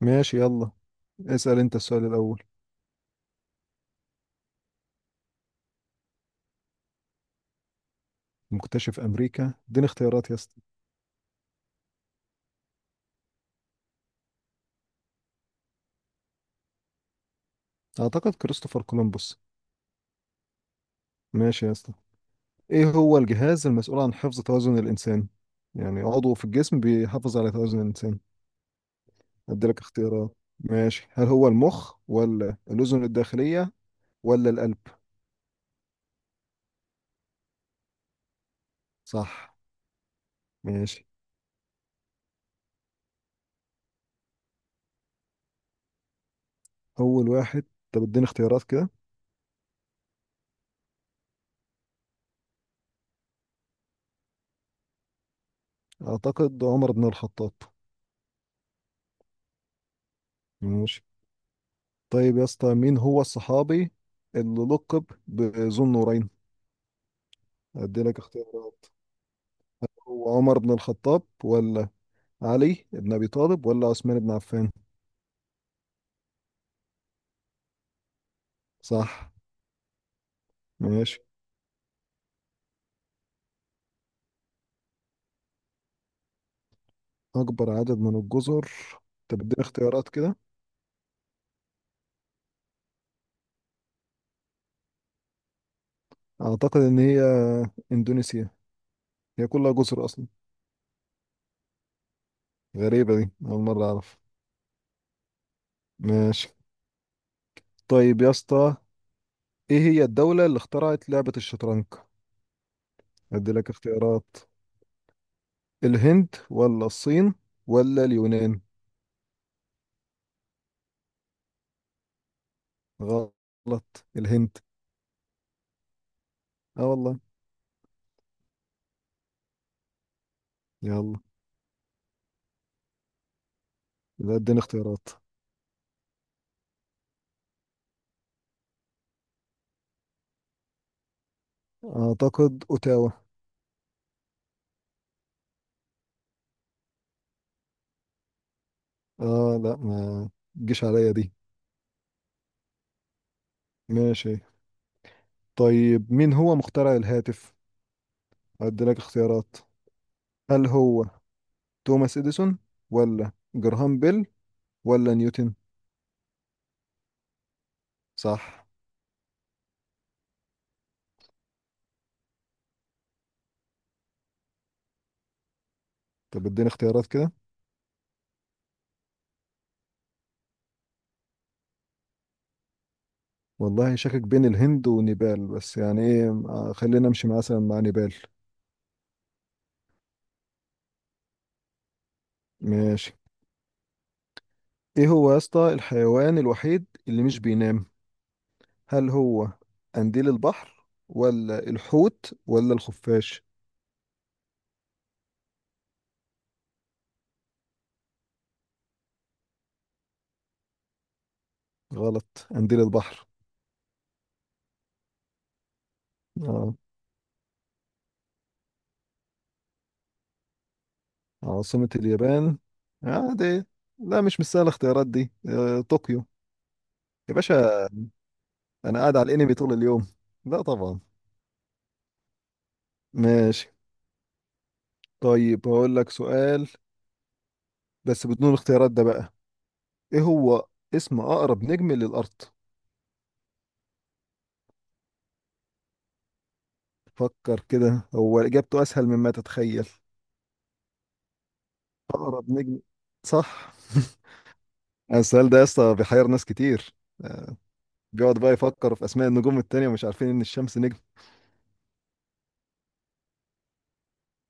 ماشي، يلا. اسأل انت السؤال الأول. مكتشف أمريكا، اديني اختيارات يا اسطى. أعتقد كريستوفر كولومبوس. ماشي يا اسطى، ايه هو الجهاز المسؤول عن حفظ توازن الإنسان؟ يعني عضو في الجسم بيحافظ على توازن الإنسان. اديلك اختيارات، ماشي. هل هو المخ ولا الأذن الداخلية ولا القلب؟ صح. ماشي. أول واحد، طب اديني اختيارات كده. أعتقد عمر بن الخطاب. ماشي. طيب يا اسطى، مين هو الصحابي اللي لقب بذو النورين؟ اديلك اختيارات. هو عمر بن الخطاب ولا علي بن أبي طالب ولا عثمان بن عفان؟ صح. ماشي. أكبر عدد من الجزر، طب اديني اختيارات كده. أعتقد إن هي إندونيسيا. هي كلها جزر أصلا. غريبة دي، أول مرة أعرف. ماشي. طيب يا اسطى، إيه هي الدولة اللي اخترعت لعبة الشطرنج؟ أدي لك اختيارات. الهند ولا الصين ولا اليونان؟ غلط الهند. آه والله. يلا، يبقى اديني اختيارات. أعتقد أوتاوا. اه لا، ما تجيش عليا دي. ماشي. طيب مين هو مخترع الهاتف؟ هدي لك اختيارات. هل هو توماس اديسون ولا جراهام بيل ولا نيوتن؟ صح. طب اديني اختيارات كده. والله شاكك بين الهند ونيبال، بس يعني ايه خلينا امشي مثلا مع نيبال. ماشي. ايه هو يا اسطى الحيوان الوحيد اللي مش بينام؟ هل هو قنديل البحر ولا الحوت ولا الخفاش؟ غلط قنديل البحر. آه. عاصمة اليابان، آه دي لا مش مستاهلة الاختيارات دي. طوكيو يا باشا. أنا قاعد على الأنمي طول اليوم، لا طبعا. ماشي. طيب هقول لك سؤال بس بدون الاختيارات ده بقى. إيه هو اسم أقرب نجم للأرض؟ فكر كده، هو إجابته أسهل مما تتخيل. أقرب نجم. صح. السؤال ده يا اسطى بيحير ناس كتير. آه، بيقعد بقى يفكر في أسماء النجوم التانية ومش عارفين إن الشمس نجم.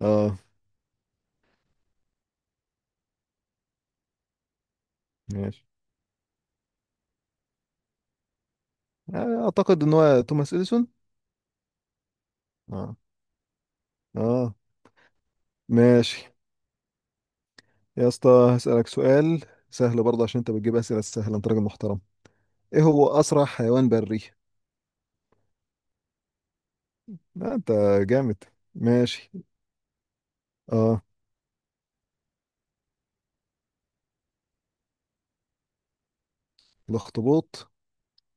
اه. ماشي. أعتقد إن هو توماس إديسون. آه. اه. ماشي يا اسطى، هسألك سؤال سهل برضه عشان انت بتجيب أسئلة سهلة، انت راجل محترم. ايه هو أسرع حيوان بري؟ آه انت جامد. ماشي. اه. الاخطبوط،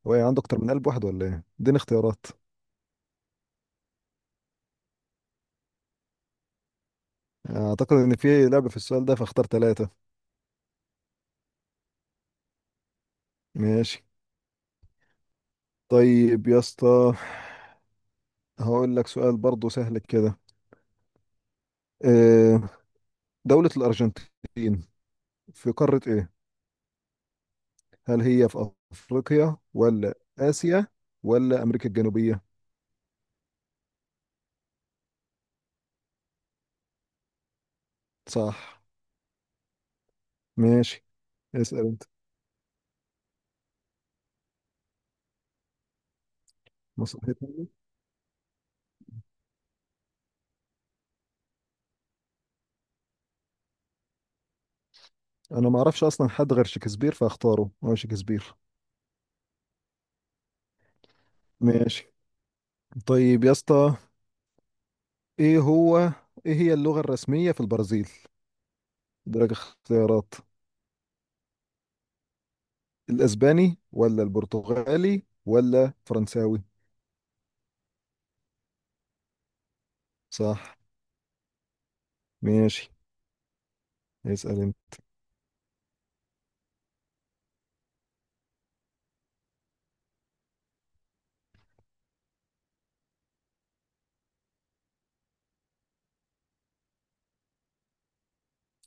هو إيه، عنده اكتر من قلب واحد ولا ايه؟ اديني اختيارات. اعتقد ان في لعبة في السؤال ده فاختار ثلاثة. ماشي. طيب يا اسطى، هقول لك سؤال برضه سهل كده. آه، دولة الأرجنتين في قارة إيه؟ هل هي في أفريقيا ولا آسيا ولا أمريكا الجنوبية؟ صح. ماشي. اسأل انت. مصلحتنا. انا ما اعرفش اصلا حد غير شكسبير فاختاره، هو شكسبير. ماشي. طيب يا اسطى، ايه هو، ايه هي اللغة الرسمية في البرازيل؟ درجة اختيارات. الاسباني ولا البرتغالي ولا فرنساوي؟ صح. ماشي. اسأل انت.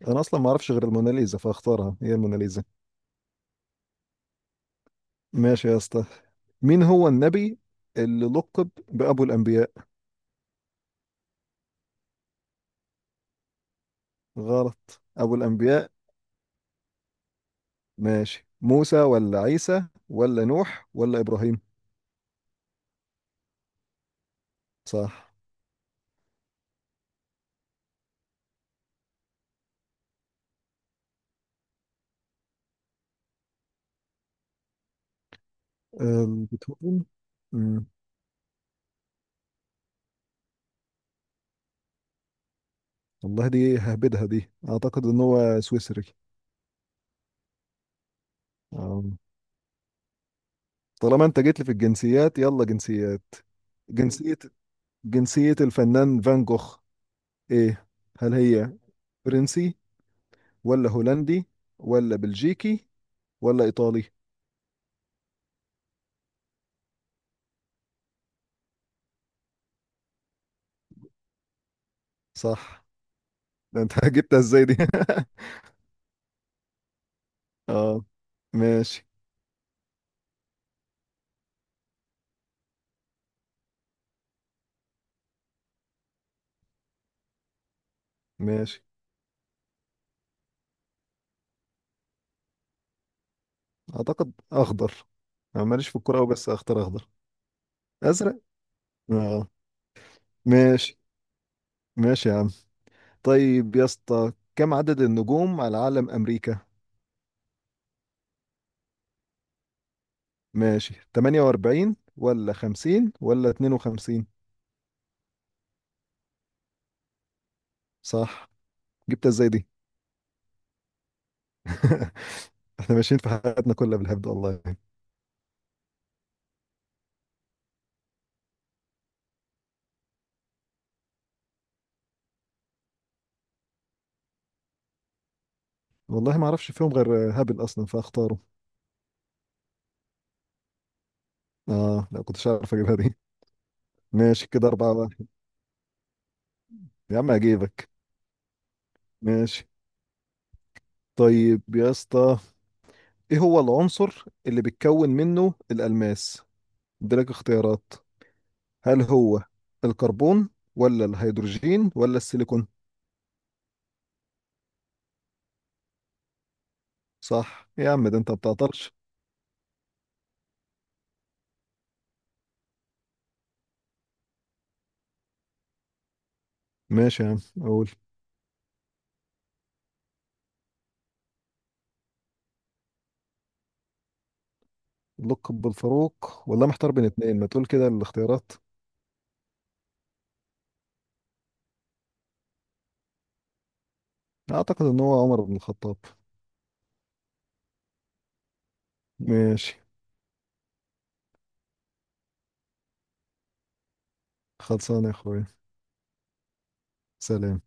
انا اصلا ما اعرفش غير الموناليزا فاختارها، هي الموناليزا. ماشي يا اسطى، مين هو النبي اللي لقب بأبو الأنبياء؟ غلط أبو الأنبياء. ماشي موسى ولا عيسى ولا نوح ولا إبراهيم؟ صح. بيتهوفن. مم. والله دي ههبدها دي، أعتقد إن هو سويسري. آم، طالما أنت جيت لي في الجنسيات يلا جنسيات. جنسية، جنسية الفنان فان جوخ إيه؟ هل هي فرنسي ولا هولندي ولا بلجيكي ولا إيطالي؟ صح. ده أنت جبتها إزاي دي؟ اه. ماشي. ماشي أعتقد أخضر. أنا ماليش في الكورة أوي بس أختار أخضر. أزرق. آه. ماشي. ماشي يا عم. طيب يا اسطى، كم عدد النجوم على علم أمريكا؟ ماشي، 48 ولا 50 ولا 52؟ صح. جبتها ازاي دي؟ احنا ماشيين في حياتنا كلها بالهبد والله. والله ما اعرفش فيهم غير هابل اصلا فاختاره. اه لا، كنتش عارف اجيبها دي. ماشي كده 4-1. يا عم هجيبك. ماشي. طيب يا اسطى، ايه هو العنصر اللي بيتكون منه الألماس؟ اديلك اختيارات. هل هو الكربون ولا الهيدروجين ولا السيليكون؟ صح يا عم، ده انت ما بتعطلش. ماشي يا عم. اقول. اللقب بالفاروق، والله محتار بين اتنين، ما تقول كده الاختيارات. اعتقد ان هو عمر بن الخطاب. ماشي. خلصانه يا اخويا. سلام.